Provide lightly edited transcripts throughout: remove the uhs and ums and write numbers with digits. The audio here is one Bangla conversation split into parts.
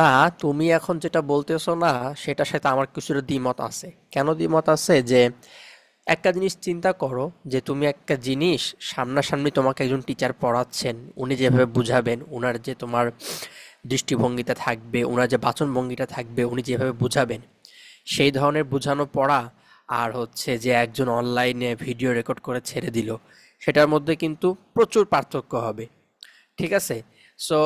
না, তুমি এখন যেটা বলতেছো না, সেটার সাথে আমার কিছুটা দ্বিমত আছে। কেন দ্বিমত আছে? যে একটা জিনিস চিন্তা করো, যে তুমি একটা জিনিস, সামনাসামনি তোমাকে একজন টিচার পড়াচ্ছেন, উনি যেভাবে বুঝাবেন, উনার যে তোমার দৃষ্টিভঙ্গিটা থাকবে, উনার যে বাচনভঙ্গিটা থাকবে, উনি যেভাবে বুঝাবেন, সেই ধরনের বুঝানো পড়া, আর হচ্ছে যে একজন অনলাইনে ভিডিও রেকর্ড করে ছেড়ে দিল, সেটার মধ্যে কিন্তু প্রচুর পার্থক্য হবে। ঠিক আছে? সো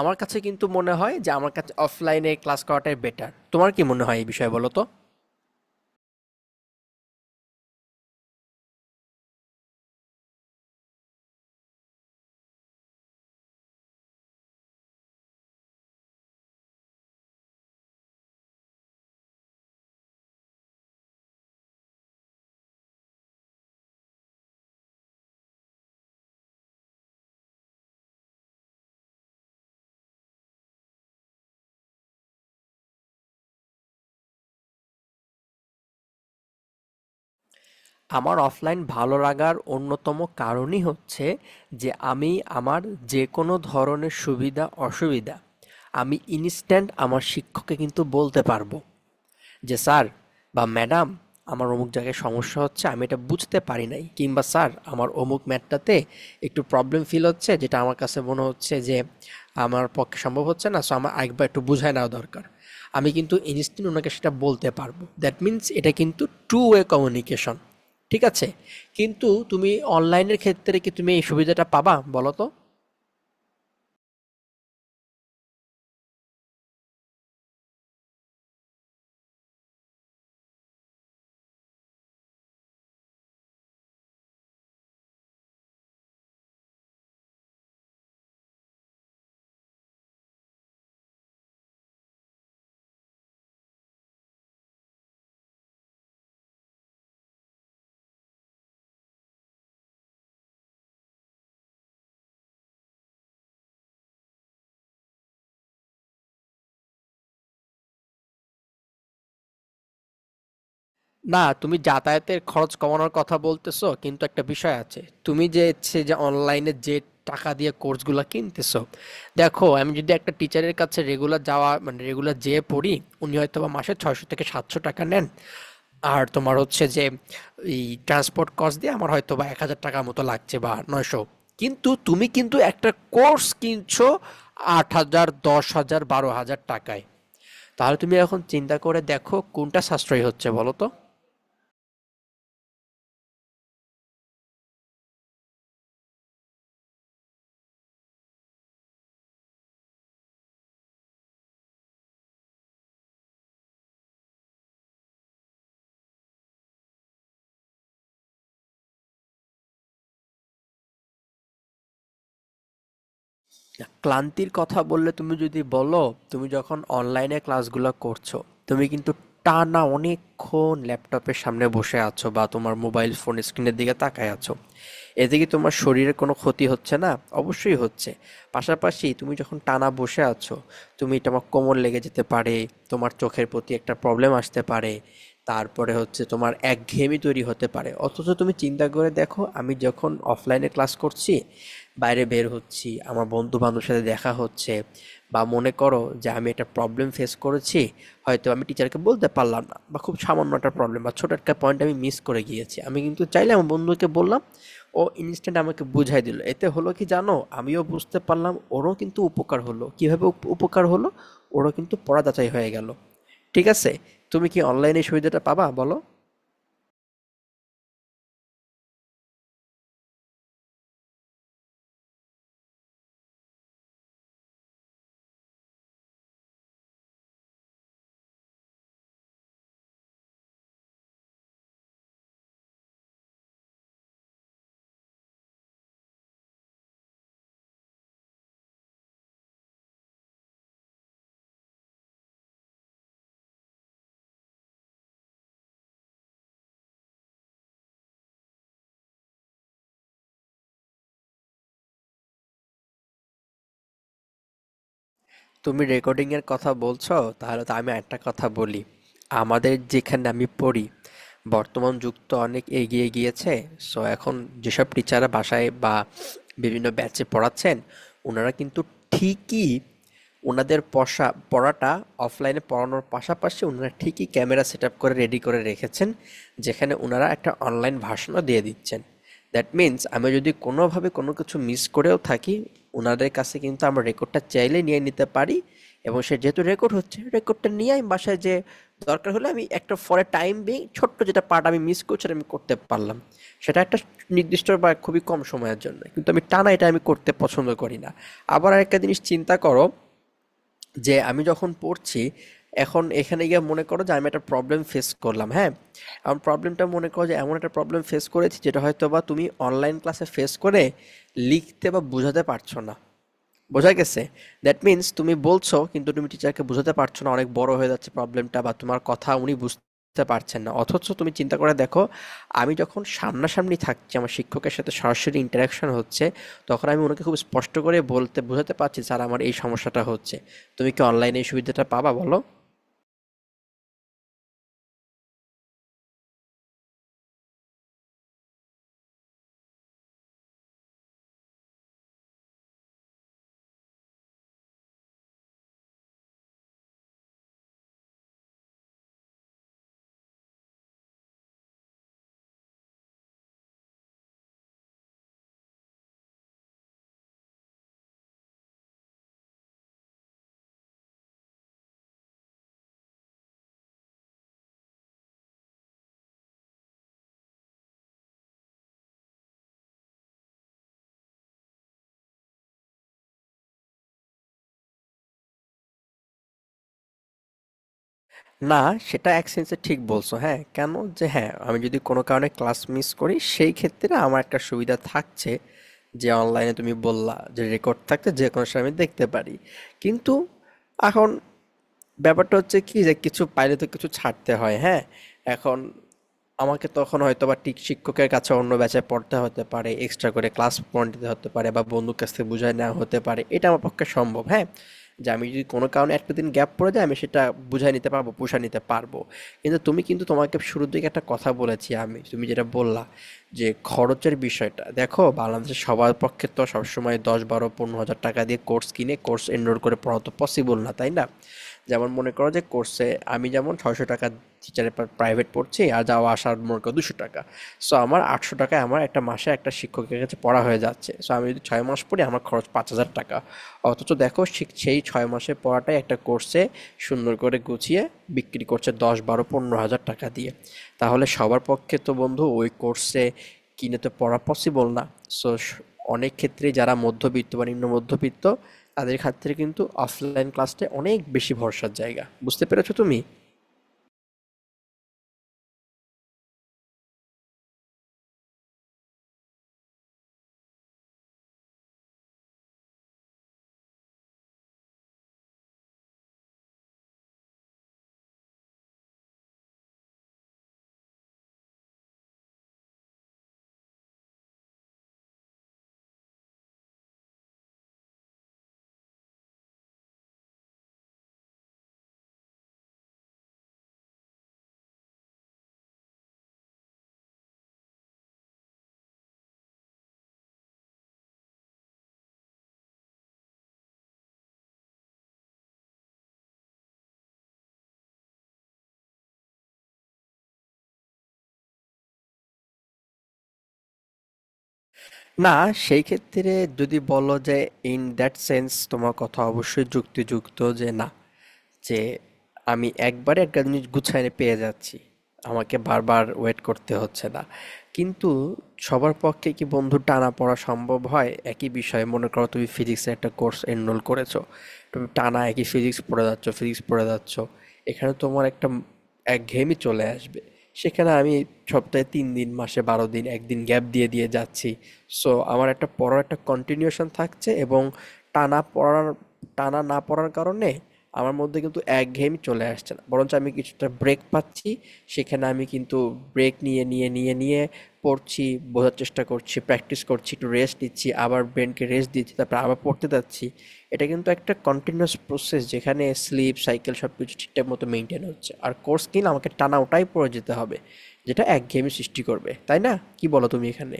আমার কাছে কিন্তু মনে হয় যে আমার কাছে অফলাইনে ক্লাস করাটাই বেটার। তোমার কি মনে হয় এই বিষয়ে বলো তো? আমার অফলাইন ভালো লাগার অন্যতম কারণই হচ্ছে যে আমি, আমার যেকোনো ধরনের সুবিধা অসুবিধা আমি ইনস্ট্যান্ট আমার শিক্ষককে কিন্তু বলতে পারবো। যে স্যার বা ম্যাডাম, আমার অমুক জায়গায় সমস্যা হচ্ছে, আমি এটা বুঝতে পারি নাই, কিংবা স্যার আমার অমুক ম্যাটটাতে একটু প্রবলেম ফিল হচ্ছে, যেটা আমার কাছে মনে হচ্ছে যে আমার পক্ষে সম্ভব হচ্ছে না, সো আমার একবার একটু বুঝায় নেওয়া দরকার। আমি কিন্তু ইনস্ট্যান্ট ওনাকে সেটা বলতে পারবো। দ্যাট মিন্স এটা কিন্তু টু ওয়ে কমিউনিকেশন, ঠিক আছে? কিন্তু তুমি অনলাইনের ক্ষেত্রে কি তুমি এই সুবিধাটা পাবা বলো তো? না, তুমি যাতায়াতের খরচ কমানোর কথা বলতেছো, কিন্তু একটা বিষয় আছে। তুমি যে হচ্ছে যে অনলাইনে যে টাকা দিয়ে কোর্সগুলো কিনতেছো, দেখো আমি যদি একটা টিচারের কাছে রেগুলার যাওয়া মানে রেগুলার যেয়ে পড়ি, উনি হয়তোবা মাসে ৬০০ থেকে ৭০০ টাকা নেন। আর তোমার হচ্ছে যে এই ট্রান্সপোর্ট কস্ট দিয়ে আমার হয়তোবা ১,০০০ টাকার মতো লাগছে বা ৯০০। কিন্তু তুমি কিন্তু একটা কোর্স কিনছো ৮,০০০, ১০,০০০, ১২,০০০ টাকায়। তাহলে তুমি এখন চিন্তা করে দেখো কোনটা সাশ্রয়ী হচ্ছে বলো তো? ক্লান্তির কথা বললে, তুমি যদি বলো তুমি যখন অনলাইনে ক্লাসগুলো করছো, তুমি কিন্তু টানা অনেকক্ষণ ল্যাপটপের সামনে বসে আছো বা তোমার মোবাইল ফোন স্ক্রিনের দিকে তাকায় আছো, এতে কি তোমার শরীরের কোনো ক্ষতি হচ্ছে না? অবশ্যই হচ্ছে। পাশাপাশি তুমি যখন টানা বসে আছো, তুমি তোমার কোমর লেগে যেতে পারে, তোমার চোখের প্রতি একটা প্রবলেম আসতে পারে, তারপরে হচ্ছে তোমার একঘেয়েমি তৈরি হতে পারে। অথচ তুমি চিন্তা করে দেখো, আমি যখন অফলাইনে ক্লাস করছি, বাইরে বের হচ্ছি, আমার বন্ধু বান্ধবের সাথে দেখা হচ্ছে, বা মনে করো যে আমি একটা প্রবলেম ফেস করেছি, হয়তো আমি টিচারকে বলতে পারলাম না বা খুব সামান্য একটা প্রবলেম বা ছোট একটা পয়েন্ট আমি মিস করে গিয়েছি, আমি কিন্তু চাইলে আমার বন্ধুকে বললাম, ও ইনস্ট্যান্ট আমাকে বুঝাই দিল। এতে হলো কি জানো, আমিও বুঝতে পারলাম, ওরও কিন্তু উপকার হলো। কীভাবে উপকার হলো? ওরও কিন্তু পড়া যাচাই হয়ে গেল। ঠিক আছে। তুমি কি অনলাইন এই সুবিধাটা পাবা বলো? তুমি রেকর্ডিংয়ের কথা বলছো, তাহলে তো আমি একটা কথা বলি। আমাদের যেখানে আমি পড়ি, বর্তমান যুগ তো অনেক এগিয়ে গিয়েছে। সো এখন যেসব টিচাররা বাসায় বা বিভিন্ন ব্যাচে পড়াচ্ছেন, ওনারা কিন্তু ঠিকই ওনাদের পড়াটা অফলাইনে পড়ানোর পাশাপাশি ওনারা ঠিকই ক্যামেরা সেট আপ করে রেডি করে রেখেছেন, যেখানে ওনারা একটা অনলাইন ভার্সনও দিয়ে দিচ্ছেন। দ্যাট মিন্স আমি যদি কোনোভাবে কোনো কিছু মিস করেও থাকি, ওনাদের কাছে কিন্তু আমরা রেকর্ডটা চাইলে নিয়ে নিতে পারি, এবং সে যেহেতু রেকর্ড হচ্ছে, রেকর্ডটা নিয়ে আমি বাসায় যে দরকার হলে আমি একটা ফরে টাইম বিং ছোট্ট যেটা পার্ট আমি মিস করছি সেটা আমি করতে পারলাম। সেটা একটা নির্দিষ্ট বা খুবই কম সময়ের জন্য, কিন্তু আমি টানা এটা আমি করতে পছন্দ করি না। আবার একটা জিনিস চিন্তা করো, যে আমি যখন পড়ছি, এখন এখানে গিয়ে মনে করো যে আমি একটা প্রবলেম ফেস করলাম, হ্যাঁ? আমার প্রবলেমটা মনে করো যে এমন একটা প্রবলেম ফেস করেছি যেটা হয়তো বা তুমি অনলাইন ক্লাসে ফেস করে লিখতে বা বোঝাতে পারছো না। বোঝা গেছে? দ্যাট মিন্স তুমি বলছো কিন্তু তুমি টিচারকে বোঝাতে পারছো না, অনেক বড় হয়ে যাচ্ছে প্রবলেমটা বা তোমার কথা উনি বুঝতে পারছেন না। অথচ তুমি চিন্তা করে দেখো, আমি যখন সামনাসামনি থাকছি আমার শিক্ষকের সাথে, সরাসরি ইন্টারাকশন হচ্ছে, তখন আমি ওনাকে খুব স্পষ্ট করে বলতে বোঝাতে পারছি, স্যার আমার এই সমস্যাটা হচ্ছে। তুমি কি অনলাইনে এই সুবিধাটা পাবা বলো? না, সেটা এক সেন্সে ঠিক বলছো। হ্যাঁ, কেন? যে হ্যাঁ, আমি যদি কোনো কারণে ক্লাস মিস করি, সেই ক্ষেত্রে আমার একটা সুবিধা থাকছে যে অনলাইনে, তুমি বললা, যে রেকর্ড থাকতে যে কোনো সময় আমি দেখতে পারি। কিন্তু এখন ব্যাপারটা হচ্ছে কি, যে কিছু পাইলে তো কিছু ছাড়তে হয়, হ্যাঁ? এখন আমাকে তখন হয়তোবা ঠিক শিক্ষকের কাছে অন্য ব্যাচে পড়তে হতে পারে, এক্সট্রা করে ক্লাস পয়েন্ট দিতে হতে পারে বা বন্ধুর কাছ থেকে বুঝায় নেওয়া হতে পারে। এটা আমার পক্ষে সম্ভব, হ্যাঁ? যে আমি যদি কোনো কারণে একটা দিন গ্যাপ পড়ে যায়, আমি সেটা বুঝায় নিতে পারবো, পুষায় নিতে পারবো। কিন্তু তুমি কিন্তু, তোমাকে শুরুর দিকে একটা কথা বলেছি আমি, তুমি যেটা বললা যে খরচের বিষয়টা। দেখো বাংলাদেশে সবার পক্ষে তো সবসময় ১০, ১২, ১৫ হাজার টাকা দিয়ে কোর্স কিনে কোর্স এনরোল করে পড়া তো পসিবল না, তাই না? যেমন মনে করো যে কোর্সে, আমি যেমন ৬০০ টাকা টিচারের প্রাইভেট পড়ছি, আর যাওয়া আসার মনে করো ২০০ টাকা, সো আমার ৮০০ টাকায় আমার একটা মাসে একটা শিক্ষকের কাছে পড়া হয়ে যাচ্ছে। সো আমি যদি ৬ মাস পড়ি আমার খরচ ৫,০০০ টাকা। অথচ দেখো সেই ৬ মাসের পড়াটাই একটা কোর্সে সুন্দর করে গুছিয়ে বিক্রি করছে ১০, ১২, ১৫ হাজার টাকা দিয়ে। তাহলে সবার পক্ষে তো বন্ধু ওই কোর্সে কিনে তো পড়া পসিবল না। সো অনেক ক্ষেত্রে যারা মধ্যবিত্ত বা নিম্ন মধ্যবিত্ত, তাদের ক্ষেত্রে কিন্তু অফলাইন ক্লাসটা অনেক বেশি ভরসার জায়গা। বুঝতে পেরেছো তুমি? না, সেই ক্ষেত্রে যদি বলো যে, in that sense তোমার কথা অবশ্যই যুক্তিযুক্ত, যে না, যে আমি একবারে একটা জিনিস গুছায় পেয়ে যাচ্ছি। আমাকে বারবার ওয়েট করতে হচ্ছে না। কিন্তু সবার পক্ষে কি বন্ধু টানাপড়া সম্ভব হয়? একই বিষয়ে মনে করো তুমি ফিজিক্সের একটা কোর্স এনরোল করেছো। তুমি টানা একই ফিজিক্স পড়ে যাচ্ছ, ফিজিক্স পড়ে যাচ্ছ। এখানে তোমার একটা একঘেয়েমি চলে আসবে। সেখানে আমি সপ্তাহে ৩ দিন, মাসে ১২ দিন, একদিন গ্যাপ দিয়ে দিয়ে যাচ্ছি, সো আমার একটা পড়ার একটা কন্টিনিউশন থাকছে, এবং টানা পড়ার টানা না পড়ার কারণে আমার মধ্যে কিন্তু একঘেয়েমি চলে আসছে না, বরঞ্চ আমি কিছুটা ব্রেক পাচ্ছি। সেখানে আমি কিন্তু ব্রেক নিয়ে নিয়ে পড়ছি, বোঝার চেষ্টা করছি, প্র্যাকটিস করছি, একটু রেস্ট নিচ্ছি, আবার ব্রেনকে রেস্ট দিচ্ছি, তারপর আবার পড়তে যাচ্ছি। এটা কিন্তু একটা কন্টিনিউয়াস প্রসেস, যেখানে স্লিপ সাইকেল সব কিছু ঠিকঠাক মতো মেনটেন হচ্ছে। আর কোর্স কিনা আমাকে টানা ওটাই পড়ে যেতে হবে, যেটা একঘেয়েমি সৃষ্টি করবে, তাই না? কি বলো তুমি এখানে?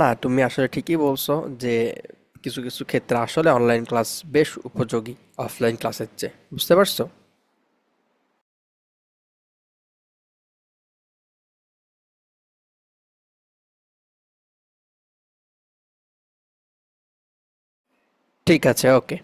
না, তুমি আসলে ঠিকই বলছো, যে কিছু কিছু ক্ষেত্রে আসলে অনলাইন ক্লাস বেশ উপযোগী অফলাইন ক্লাসের চেয়ে। বুঝতে পারছো? ঠিক আছে, ওকে।